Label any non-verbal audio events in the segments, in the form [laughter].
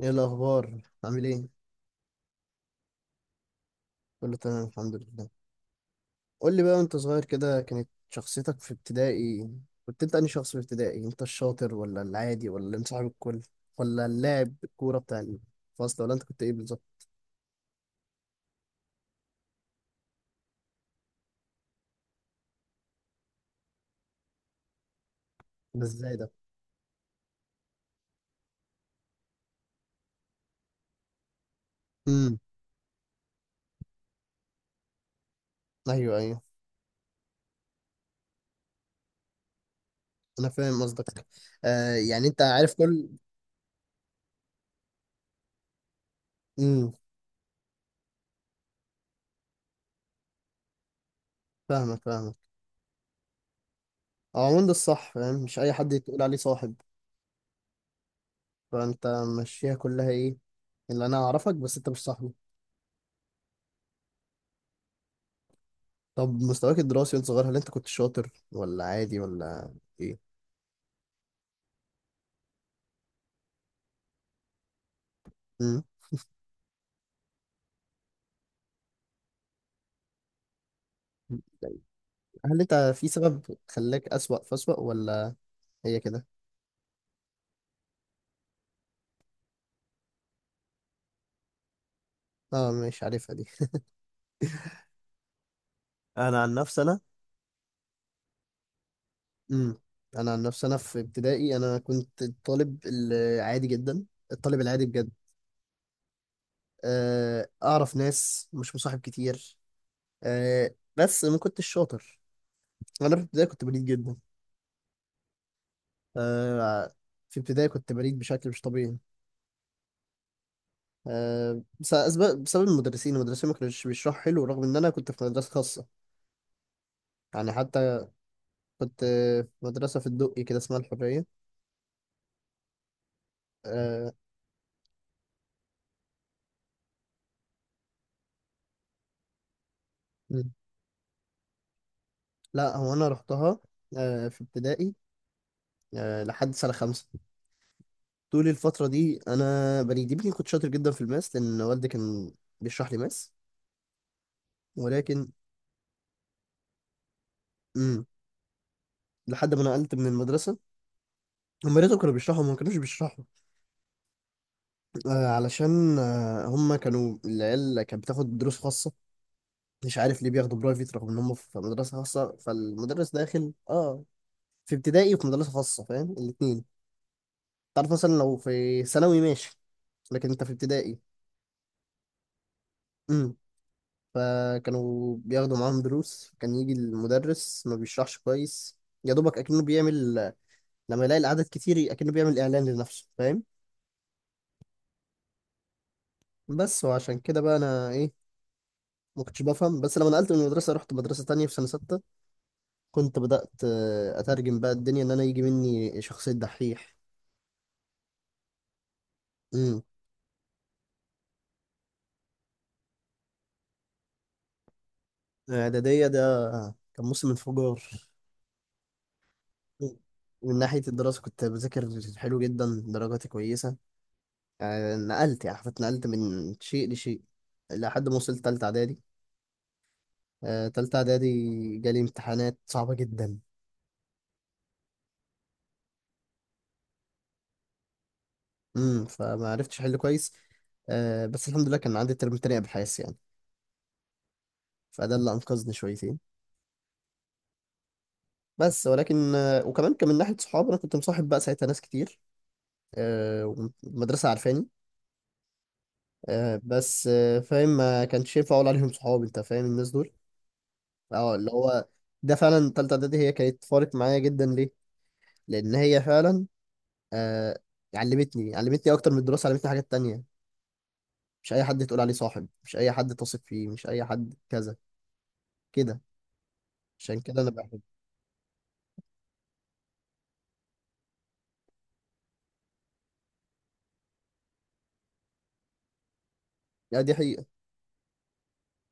ايه الاخبار؟ عامل ايه؟ كله تمام الحمد لله. قول لي بقى، وانت صغير كده كانت شخصيتك في ابتدائي؟ كنت انت انهي شخص في ابتدائي؟ انت الشاطر ولا العادي ولا اللي مصاحب الكل ولا اللاعب الكوره بتاع الفصل، ولا انت كنت ايه بالظبط؟ ده ازاي ده؟ امم ايوه، ايوه. انا فاهم قصدك. آه، يعني انت عارف كل. امم فاهمك، فاهمك. هو عموما ده الصح، فاهم؟ مش اي حد تقول عليه صاحب. فانت ماشيها كلها ايه، اللي انا اعرفك بس انت مش صاحبي. طب مستواك الدراسي وانت صغير، هل انت كنت شاطر ولا عادي ولا ايه؟ مم. هل انت في سبب خلاك اسوأ فاسوأ، ولا هي كده؟ اه، مش عارفها دي. انا عن نفسي، انا. امم انا عن نفسي، انا في ابتدائي انا كنت الطالب العادي جدا، الطالب العادي بجد. اعرف ناس، مش مصاحب كتير. بس ما كنتش شاطر. انا في ابتدائي كنت بليد جدا. آه، في ابتدائي كنت بليد بشكل مش طبيعي. بسبب المدرسين، ما كانوش بيشرحوا حلو، رغم ان انا كنت في مدرسه خاصه، يعني. حتى كنت في مدرسه في الدقي كده اسمها الحريه. أه. مم. لا، هو انا رحتها، أه، في ابتدائي، أه، لحد سنه خمسه. طول الفتره دي انا بني يمكن كنت شاطر جدا في الماس، لان والدي كان بيشرح لي ماس. ولكن، مم، لحد ما نقلت من المدرسه. هم يا ريتهم كانوا بيشرحوا، هم ما كانوش بيشرحوا. أه، علشان أه هم كانوا العيال كانت بتاخد دروس خاصه. مش عارف ليه بياخدوا برايفت رغم ان هم في مدرسه خاصه، فالمدرس داخل اه في ابتدائي وفي مدرسه خاصه، فاهم؟ الاثنين. تعرف مثلا لو في ثانوي ماشي، لكن انت في ابتدائي. امم فكانوا بياخدوا معاهم دروس، كان يجي المدرس ما بيشرحش كويس. يا دوبك اكنه بيعمل، لما يلاقي العدد كتير اكنه بيعمل اعلان لنفسه، فاهم؟ بس، وعشان كده بقى انا ايه، ما كنتش بفهم. بس لما نقلت من المدرسه، رحت مدرسه تانية في سنه ستة، كنت بدأت اترجم بقى الدنيا ان انا يجي مني شخصيه دحيح. امم إعدادية ده كان موسم انفجار. من ناحية الدراسة كنت بذاكر حلو جدا، درجاتي كويسة. آه، نقلت، يعني حرفيا اتنقلت من شيء لشيء لحد ما وصلت تالتة إعدادي. آه، تالتة إعدادي جالي امتحانات صعبة جدا. فما عرفتش أحل كويس. آه، بس الحمد لله كان عندي ترم تاني أبحاث، يعني. فده اللي أنقذني شويتين. بس ولكن آه، وكمان كان من ناحية صحاب أنا كنت مصاحب بقى ساعتها ناس كتير. آه، والمدرسة عارفاني. آه، بس آه، فاهم، ما كانش ينفع اقول عليهم صحاب، انت فاهم الناس دول. اه، اللي هو ده فعلا تالتة اعدادي، هي كانت فارق معايا جدا. ليه؟ لان هي فعلا، آه، علمتني، علمتني اكتر من الدراسة، علمتني حاجات تانية. مش اي حد تقول عليه صاحب، مش اي حد تثق فيه، مش اي حد كذا كده. عشان كده انا بحب. لا، دي حقيقة.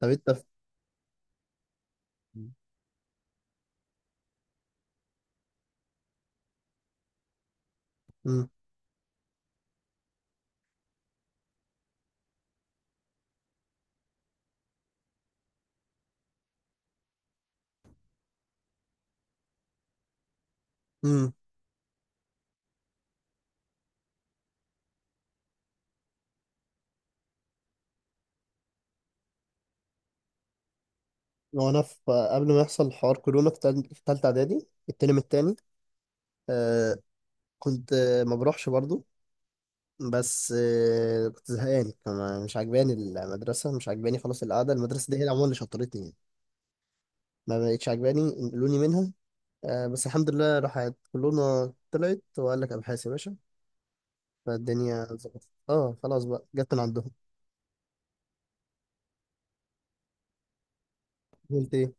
طب انت في... مم. مم. وانا في قبل ما يحصل حوار كورونا في في تالتة اعدادي الترم التاني، آه، كنت، آه، ما بروحش برضو. بس آه، كنت زهقان كمان، مش عجباني المدرسة، مش عجباني، خلاص القعدة. المدرسة دي هي اللي عموما اللي شطرتني يعني. ما بقتش عجباني، نقلوني منها. آه، بس الحمد لله راحت كلنا، طلعت وقال لك أبحاث يا باشا. فالدنيا ظبطت، اه، خلاص بقى، جت من عندهم. قلت ايه؟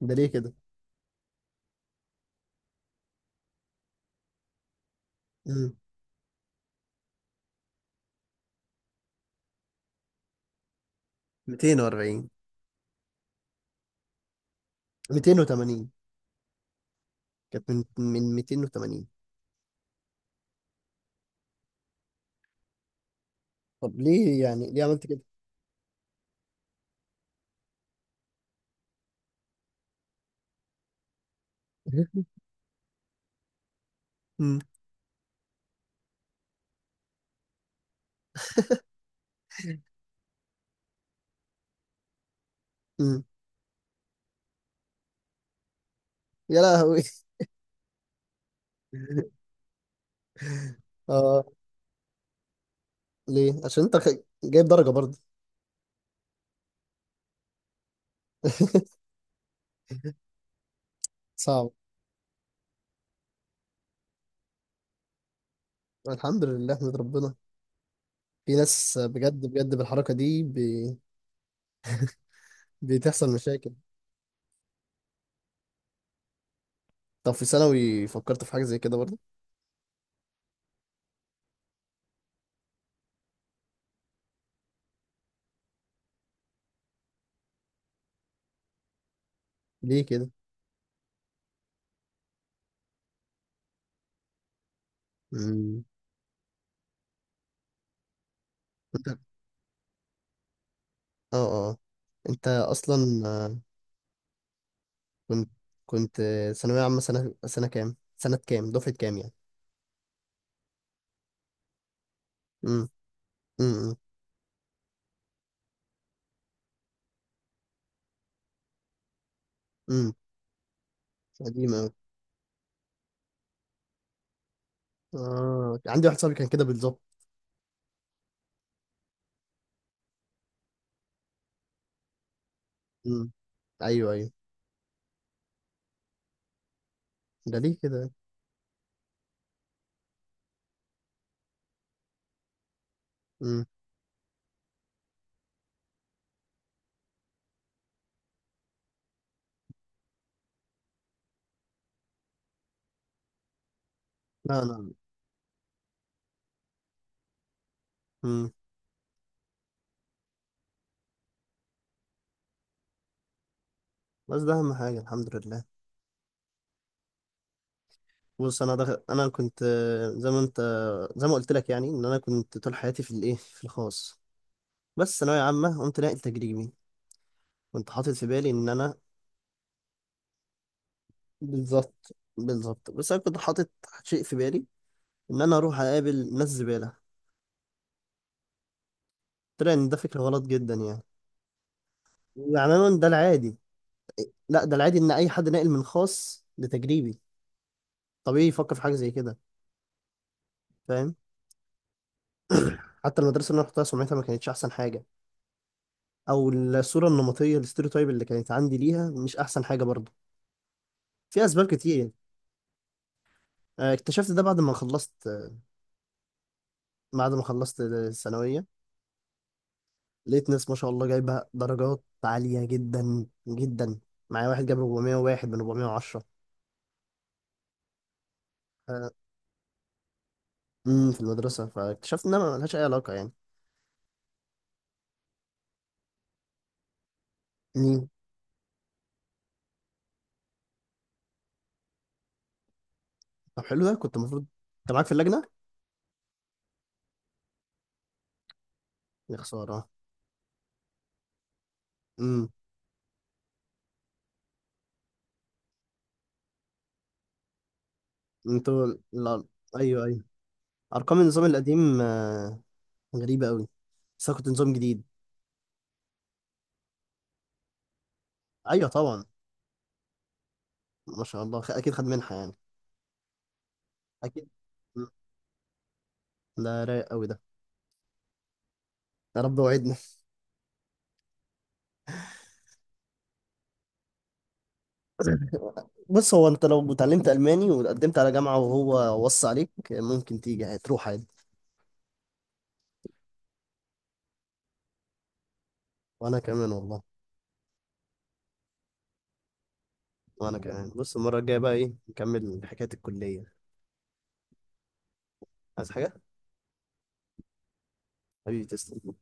ده ليه كده؟ مم. 240. 280. كانت من 280. طب ليه يعني، ليه عملت كده؟ [laughs] مم. مم. يا لهوي. [laughs] اه. ليه؟ عشان انت جايب درجة برضه. [laughs] صعب. الحمد لله، احمد ربنا. في ناس بجد بجد بالحركة دي بي... بتحصل مشاكل. طب في ثانوي فكرت في حاجة زي كده برضه؟ ليه كده؟ امم انت. اه، اه. انت اصلا آه، كنت، كنت آه، ثانوية عامة سنة، سنة كام، دفعة كام يعني؟ امم امم امم قديمة أوي. اه، عندي واحد صاحبي كان كده بالظبط. امم ايوه، ايوه. ده ليه كده؟ امم لا، لا. امم بس ده اهم حاجة، الحمد لله. بص انا دخل... انا كنت، آه، زي ما انت، زي ما قلت لك يعني، ان انا كنت طول حياتي في الايه، في الخاص. بس ثانويه عامه قمت ناقل تجريبي. كنت حاطط في بالي ان انا. بالظبط، بالظبط. بس انا كنت حاطط شيء في بالي ان انا اروح اقابل ناس زباله. طلع ان ده فكره غلط جدا يعني. يعني انا قلت ده العادي. لا، ده العادي ان اي حد ناقل من خاص لتجريبي طبيعي يفكر في حاجه زي كده، فاهم. [clears throat] حتى المدرسه اللي انا رحتها سمعتها ما كانتش احسن حاجه، او الصوره النمطيه الاستيريوتايب اللي كانت عندي ليها مش احسن حاجه برضه. في اسباب كتير يعني. آه، اكتشفت ده بعد ما خلصت، آه، بعد ما خلصت الثانويه. لقيت ناس ما شاء الله جايبه درجات عاليه جدا جدا. معايا واحد جاب 401 من 410. آه، في المدرسه، فاكتشفت انها ملهاش اي علاقه يعني. امم طب حلو ده، كنت المفروض انت معاك في اللجنه. يا خساره. امم انتوا. لا. ايوه، ايوه. ارقام النظام القديم، آه، غريبه قوي. بس انا كنت نظام جديد. ايوه، طبعا. ما شاء الله، اكيد خد منحه يعني. اكيد. مم. ده رايق قوي ده. يا رب وعدنا. بص، هو انت لو اتعلمت الماني وقدمت على جامعه وهو وصى عليك ممكن تيجي، هتروح عادي. وانا كمان والله. وانا كمان. بص، المره الجايه بقى ايه، نكمل حكايه الكليه. عايز حاجه؟ حبيبي، تسلم.